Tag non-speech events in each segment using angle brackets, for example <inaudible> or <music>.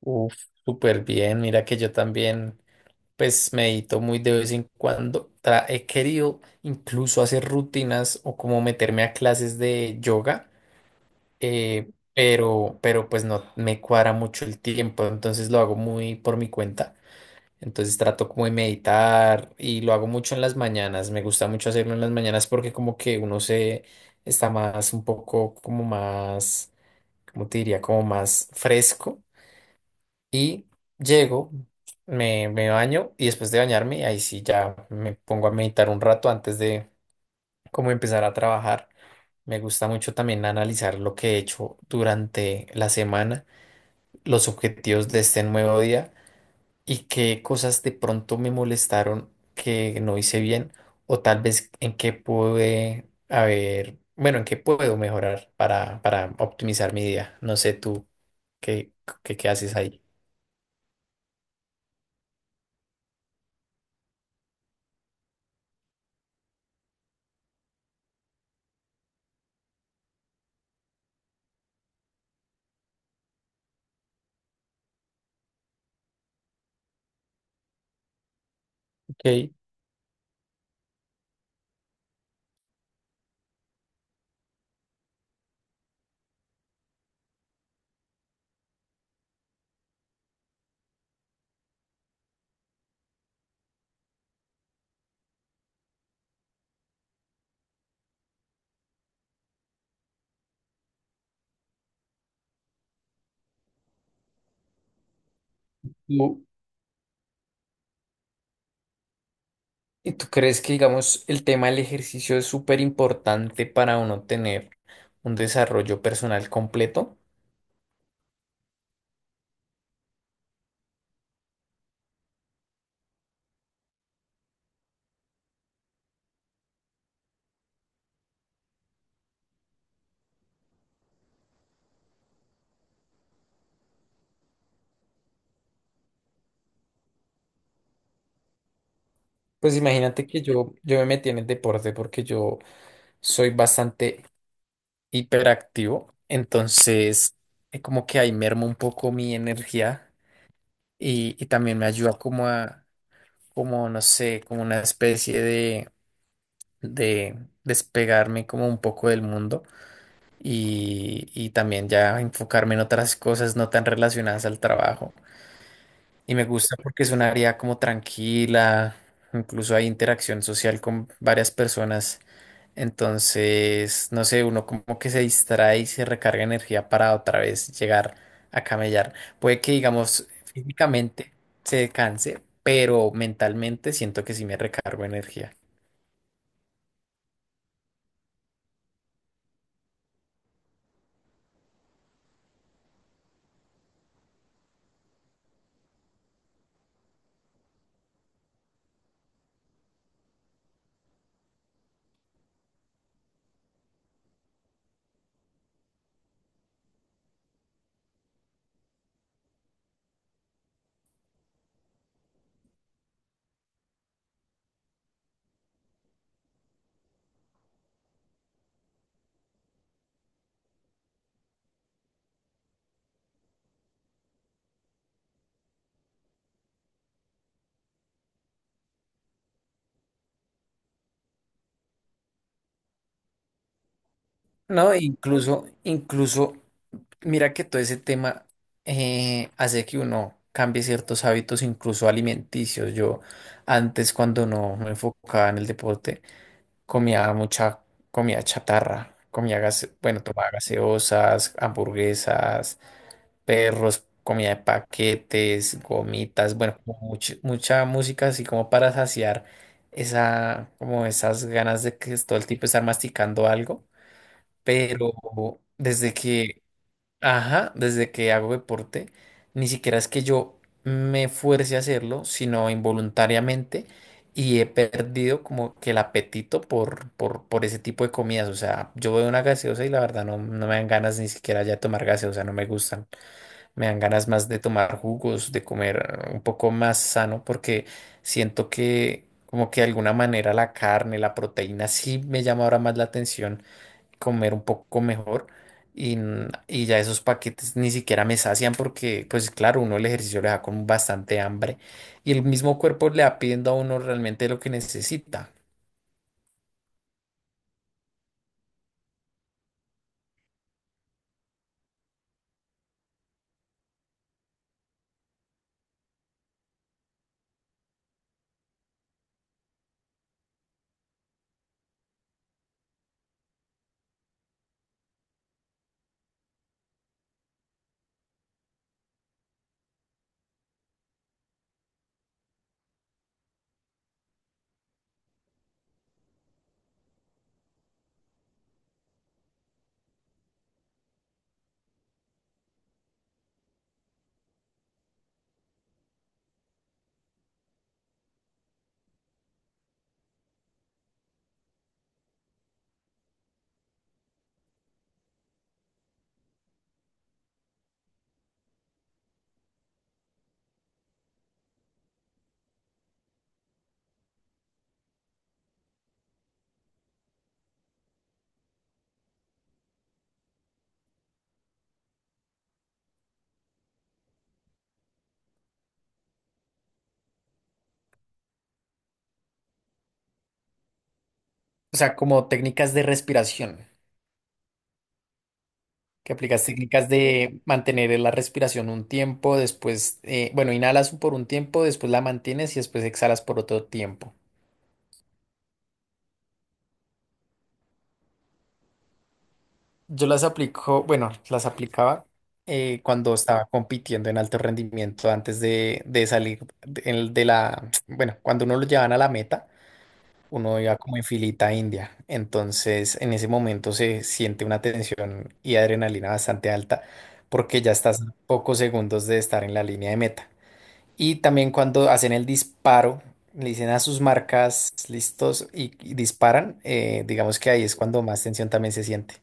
Uf, súper bien. Mira que yo también, pues medito muy de vez en cuando. He querido incluso hacer rutinas o como meterme a clases de yoga, pero, pues no me cuadra mucho el tiempo, entonces lo hago muy por mi cuenta. Entonces trato como de meditar y lo hago mucho en las mañanas. Me gusta mucho hacerlo en las mañanas porque como que uno se está más un poco como más, ¿cómo te diría? Como más fresco y llego, me baño y después de bañarme, ahí sí ya me pongo a meditar un rato antes de como empezar a trabajar. Me gusta mucho también analizar lo que he hecho durante la semana, los objetivos de este nuevo día y qué cosas de pronto me molestaron que no hice bien o tal vez en qué pude haber, bueno, en qué puedo mejorar para, optimizar mi día. No sé tú qué, qué haces ahí. Ok. ¿Tú, ¿Y tú crees que, digamos, el tema del ejercicio es súper importante para uno tener un desarrollo personal completo? Pues imagínate que yo me metí en el deporte porque yo soy bastante hiperactivo, entonces como que ahí mermo un poco mi energía y, también me ayuda como a, como no sé, como una especie de, despegarme como un poco del mundo. Y, también ya enfocarme en otras cosas no tan relacionadas al trabajo. Y me gusta porque es un área como tranquila, incluso hay interacción social con varias personas. Entonces, no sé, uno como que se distrae y se recarga energía para otra vez llegar a camellar. Puede que, digamos, físicamente se canse, pero mentalmente siento que sí me recargo energía. No, incluso, mira que todo ese tema hace que uno cambie ciertos hábitos, incluso alimenticios. Yo antes, cuando no me enfocaba en el deporte, comía mucha comida chatarra, bueno, tomaba gaseosas, hamburguesas, perros, comida de paquetes, gomitas, bueno, como mucha música así como para saciar esa, como esas ganas de que todo el tiempo estar masticando algo. Pero desde que, ajá, desde que hago deporte, ni siquiera es que yo me fuerce a hacerlo, sino involuntariamente y he perdido como que el apetito por, por ese tipo de comidas. O sea, yo veo una gaseosa y la verdad no, no me dan ganas ni siquiera ya de tomar gaseosa, no me gustan. Me dan ganas más de tomar jugos, de comer un poco más sano, porque siento que como que de alguna manera la carne, la proteína sí me llama ahora más la atención comer un poco mejor y, y ya esos paquetes ni siquiera me sacian porque, pues claro, uno el ejercicio le da con bastante hambre y el mismo cuerpo le va pidiendo a uno realmente lo que necesita. O sea, como técnicas de respiración, que aplicas técnicas de mantener la respiración un tiempo, después, bueno, inhalas por un tiempo, después la mantienes y después exhalas por otro tiempo. Yo las aplico, bueno, las aplicaba cuando estaba compitiendo en alto rendimiento antes de, salir de, bueno, cuando uno lo llevan a la meta, uno iba como en filita india. Entonces, en ese momento se siente una tensión y adrenalina bastante alta porque ya estás a pocos segundos de estar en la línea de meta. Y también cuando hacen el disparo, le dicen a sus marcas listos y, disparan, digamos que ahí es cuando más tensión también se siente.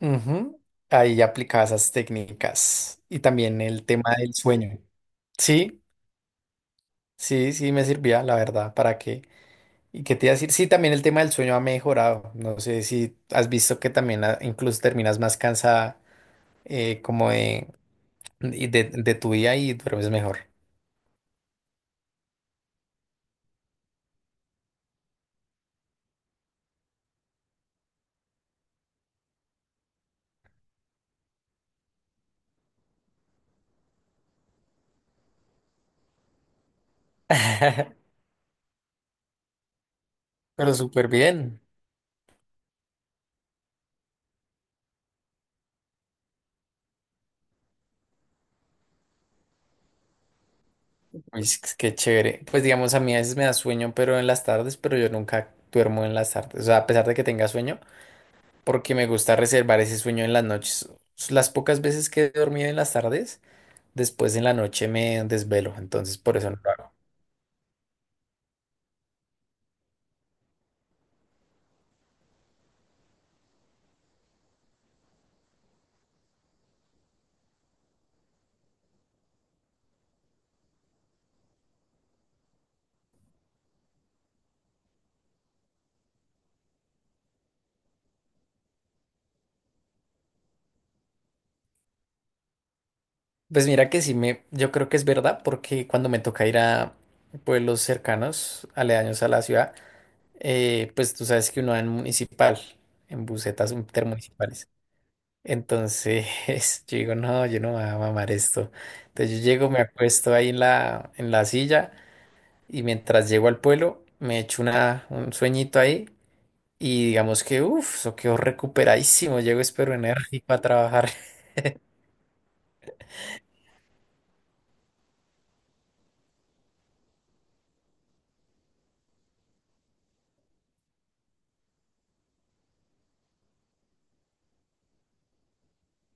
Ujú. Ahí aplicaba esas técnicas y también el tema del sueño. Sí, sí, sí me servía, la verdad, ¿para qué? ¿Y qué te iba a decir? Sí, también el tema del sueño ha mejorado. No sé si has visto que también ah, incluso terminas más cansada como de, y de, tu día y duermes mejor. <laughs> Pero súper bien. Uy, es que qué chévere. Pues digamos, a mí a veces me da sueño, pero en las tardes, pero yo nunca duermo en las tardes. O sea, a pesar de que tenga sueño, porque me gusta reservar ese sueño en las noches. Las pocas veces que he dormido en las tardes, después en la noche me desvelo, entonces por eso no lo hago. Pues mira que sí me, yo creo que es verdad, porque cuando me toca ir a pueblos cercanos, aledaños a la ciudad, pues tú sabes que uno va en municipal, en busetas intermunicipales. Entonces <laughs> yo digo, no, yo no me voy a mamar esto. Entonces yo llego, me acuesto ahí en la silla y mientras llego al pueblo, me echo un sueñito ahí. Y digamos que, uff, eso quedó recuperadísimo, llego espero enérgico a trabajar. <laughs>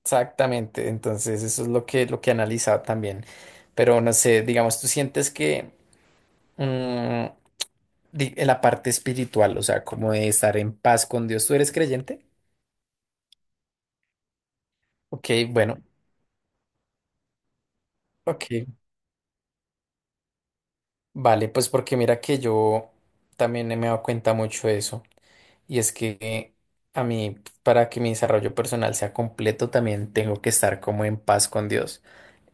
Exactamente, entonces eso es lo que he analizado también. Pero no sé, digamos, tú sientes que mm, en la parte espiritual, o sea, como de estar en paz con Dios, ¿tú eres creyente? Ok, bueno, ok, vale, pues porque mira que yo también me he dado cuenta mucho de eso. Y es que a mí, para que mi desarrollo personal sea completo, también tengo que estar como en paz con Dios.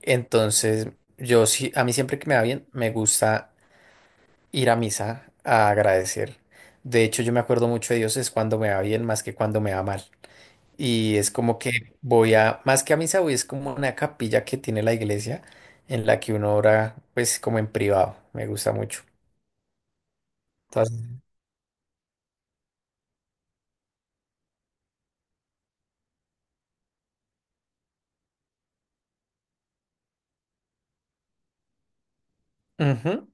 Entonces, yo sí, a mí siempre que me va bien, me gusta ir a misa a agradecer. De hecho, yo me acuerdo mucho de Dios es cuando me va bien más que cuando me va mal. Y es como que voy a, más que a misa, voy, es como una capilla que tiene la iglesia en la que uno ora, pues como en privado. Me gusta mucho. Entonces, ujú,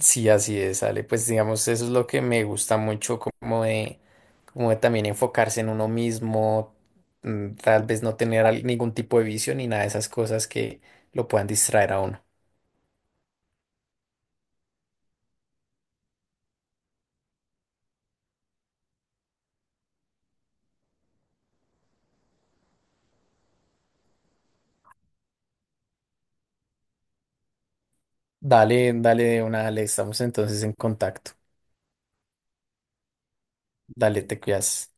sí, así es, Ale. Pues digamos, eso es lo que me gusta mucho como de, como de también enfocarse en uno mismo, mm, tal vez no tener ningún tipo de vicio ni nada de esas cosas que lo puedan distraer a uno. Dale, dale de una, dale, estamos entonces en contacto. Dale, te cuidas.